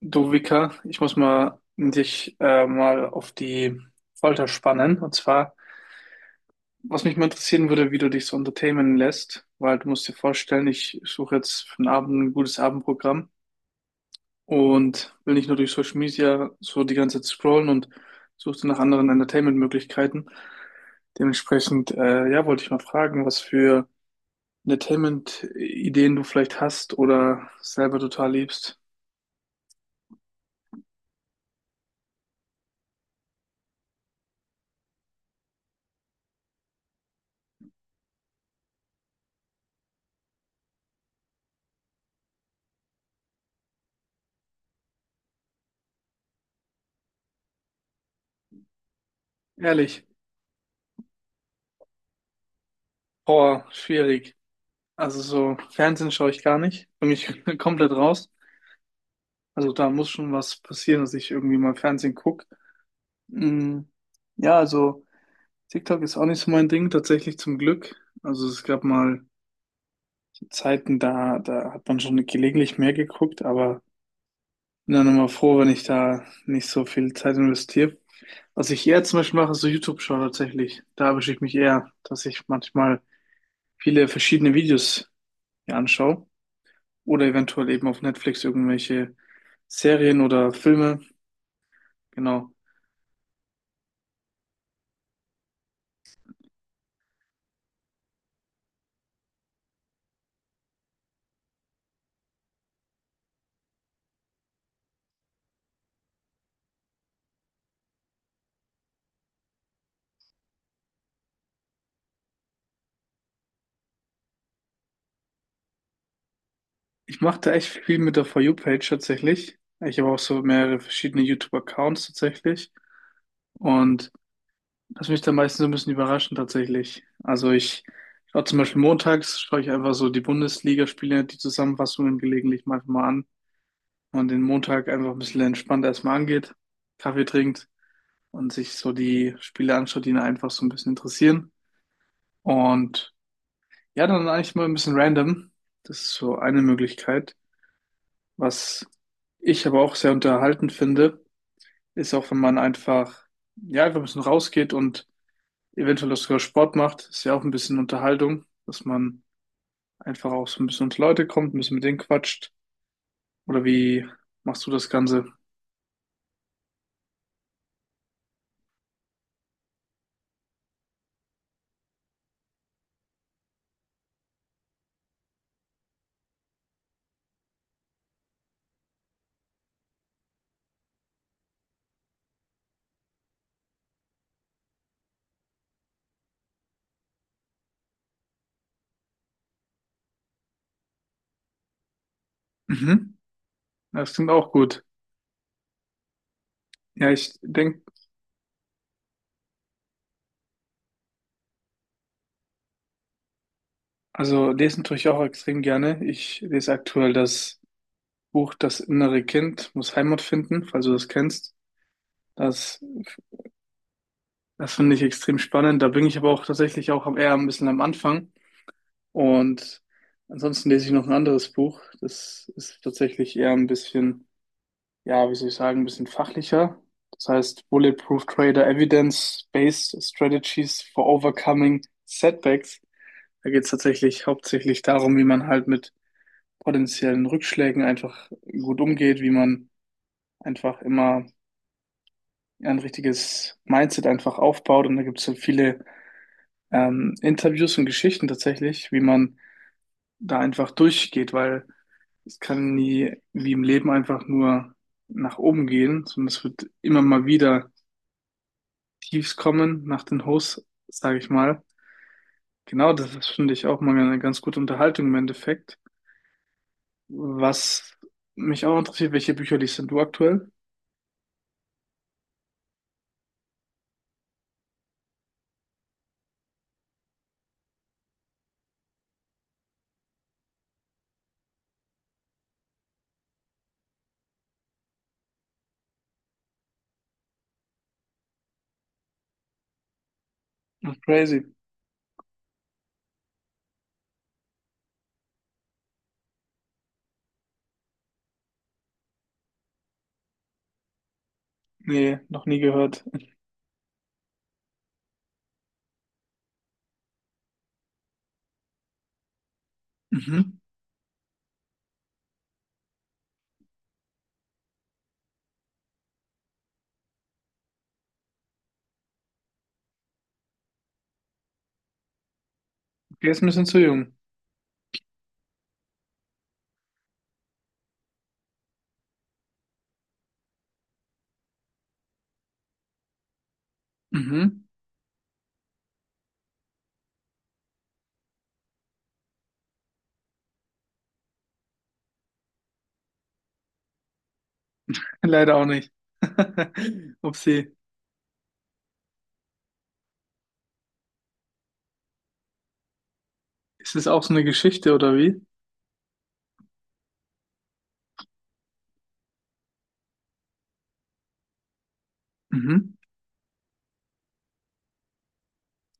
Du Vika, ich muss mal dich mal auf die Folter spannen. Und zwar, was mich mal interessieren würde, wie du dich so entertainen lässt, weil du musst dir vorstellen, ich suche jetzt für den Abend ein gutes Abendprogramm und will nicht nur durch Social Media so die ganze Zeit scrollen und suche nach anderen Entertainment-Möglichkeiten. Dementsprechend, ja, wollte ich mal fragen, was für Entertainment-Ideen du vielleicht hast oder selber total liebst. Ehrlich, boah, schwierig. Also so Fernsehen schaue ich gar nicht. Bin ich komplett raus. Also da muss schon was passieren, dass ich irgendwie mal Fernsehen gucke. Mm, ja, also TikTok ist auch nicht so mein Ding, tatsächlich zum Glück. Also es gab mal Zeiten, da hat man schon gelegentlich mehr geguckt, aber bin dann immer froh, wenn ich da nicht so viel Zeit investiere. Was ich eher zum Beispiel mache, ist so YouTube-Show tatsächlich. Da erwische ich mich eher, dass ich manchmal viele verschiedene Videos mir anschaue oder eventuell eben auf Netflix irgendwelche Serien oder Filme. Genau. Ich mache da echt viel mit der For You-Page tatsächlich. Ich habe auch so mehrere verschiedene YouTube-Accounts tatsächlich und das mich dann meistens so ein bisschen überraschen tatsächlich. Also ich schaue zum Beispiel montags, schaue ich einfach so die Bundesligaspiele, die Zusammenfassungen gelegentlich manchmal an. Und den Montag einfach ein bisschen entspannt erstmal angeht, Kaffee trinkt und sich so die Spiele anschaut, die ihn einfach so ein bisschen interessieren. Und ja, dann eigentlich mal ein bisschen random. Das ist so eine Möglichkeit. Was ich aber auch sehr unterhaltend finde, ist auch, wenn man einfach, ja, einfach ein bisschen rausgeht und eventuell auch sogar Sport macht, ist ja auch ein bisschen Unterhaltung, dass man einfach auch so ein bisschen unter Leute kommt, ein bisschen mit denen quatscht. Oder wie machst du das Ganze? Mhm. Ja, das klingt auch gut. Ja, ich denke, also lesen tue ich auch extrem gerne. Ich lese aktuell das Buch Das innere Kind muss Heimat finden, falls du das kennst. Das, das finde ich extrem spannend. Da bin ich aber auch tatsächlich auch eher ein bisschen am Anfang. Und ansonsten lese ich noch ein anderes Buch. Das ist tatsächlich eher ein bisschen, ja, wie soll ich sagen, ein bisschen fachlicher. Das heißt Bulletproof Trader, Evidence-Based Strategies for Overcoming Setbacks. Da geht es tatsächlich hauptsächlich darum, wie man halt mit potenziellen Rückschlägen einfach gut umgeht, wie man einfach immer ein richtiges Mindset einfach aufbaut. Und da gibt es so viele Interviews und Geschichten tatsächlich, wie man da einfach durchgeht, weil es kann nie wie im Leben einfach nur nach oben gehen, sondern es wird immer mal wieder Tiefs kommen nach den Hochs, sage ich mal. Genau, das ist, finde ich auch mal eine ganz gute Unterhaltung im Endeffekt. Was mich auch interessiert, welche Bücher liest denn du aktuell? Ach, crazy. Nee, noch nie gehört. Mhm. Okay, ist ein bisschen zu jung. Mhm. Leider auch nicht. Upsi. Ist es auch so eine Geschichte oder wie? Mhm.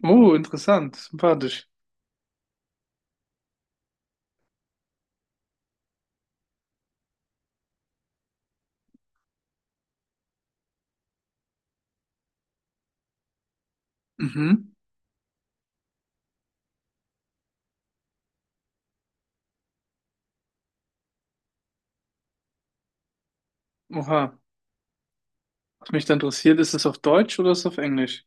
Oh, interessant. Sympathisch. Mhm. Oha. Was mich da interessiert, ist es auf Deutsch oder ist es auf Englisch?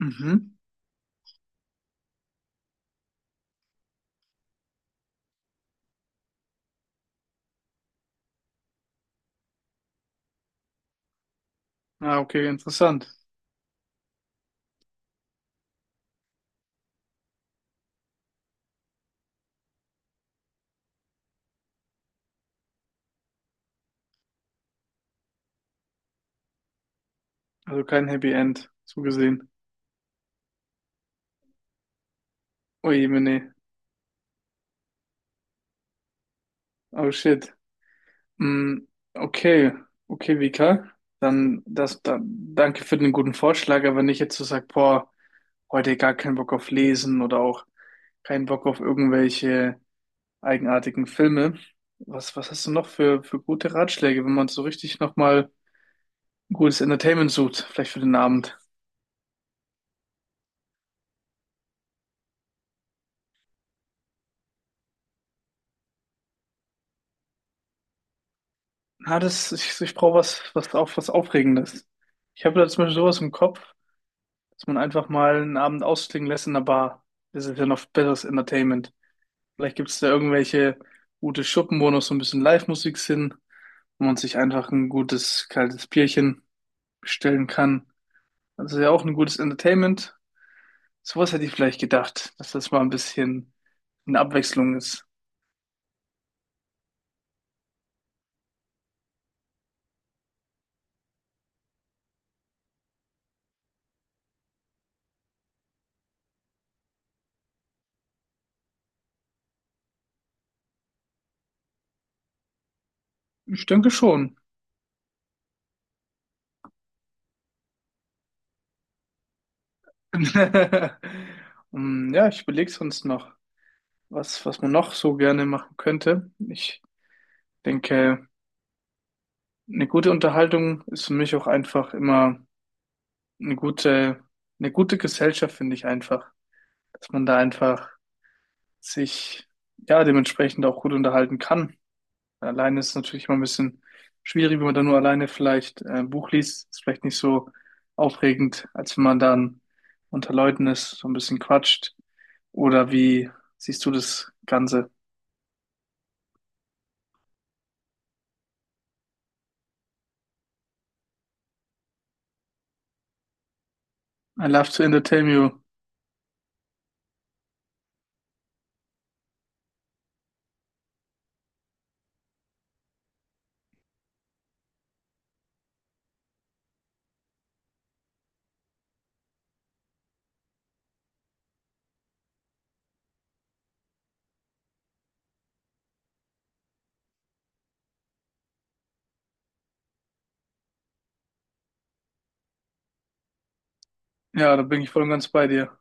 Mhm. Ah, okay, interessant. Also kein Happy End, so gesehen. Ui, nee. Oh shit. Mm, okay, okay, Vika. Dann danke für den guten Vorschlag, aber nicht jetzt zu sagen, boah, heute gar keinen Bock auf Lesen oder auch keinen Bock auf irgendwelche eigenartigen Filme. Was hast du noch für gute Ratschläge, wenn man so richtig nochmal gutes Entertainment sucht, vielleicht für den Abend? Na, ich brauche was, was auch was Aufregendes. Ich habe da zum Beispiel sowas im Kopf, dass man einfach mal einen Abend ausklingen lässt in der Bar. Das ist ja noch besseres Entertainment. Vielleicht gibt es da irgendwelche gute Schuppen, wo noch so ein bisschen Live-Musik sind, wo man sich einfach ein gutes kaltes Bierchen bestellen kann. Das ist ja auch ein gutes Entertainment. Sowas hätte ich vielleicht gedacht, dass das mal ein bisschen eine Abwechslung ist. Ich denke schon. Hm, ja, ich überlege sonst noch, was man noch so gerne machen könnte. Ich denke, eine gute Unterhaltung ist für mich auch einfach immer eine gute, eine gute Gesellschaft, finde ich einfach, dass man da einfach sich ja dementsprechend auch gut unterhalten kann. Alleine ist es natürlich immer ein bisschen schwierig, wenn man da nur alleine vielleicht ein Buch liest, ist vielleicht nicht so aufregend, als wenn man dann unter Leuten ist, so ein bisschen quatscht. Oder wie siehst du das Ganze? I love to entertain you. Ja, da bin ich voll und ganz bei dir.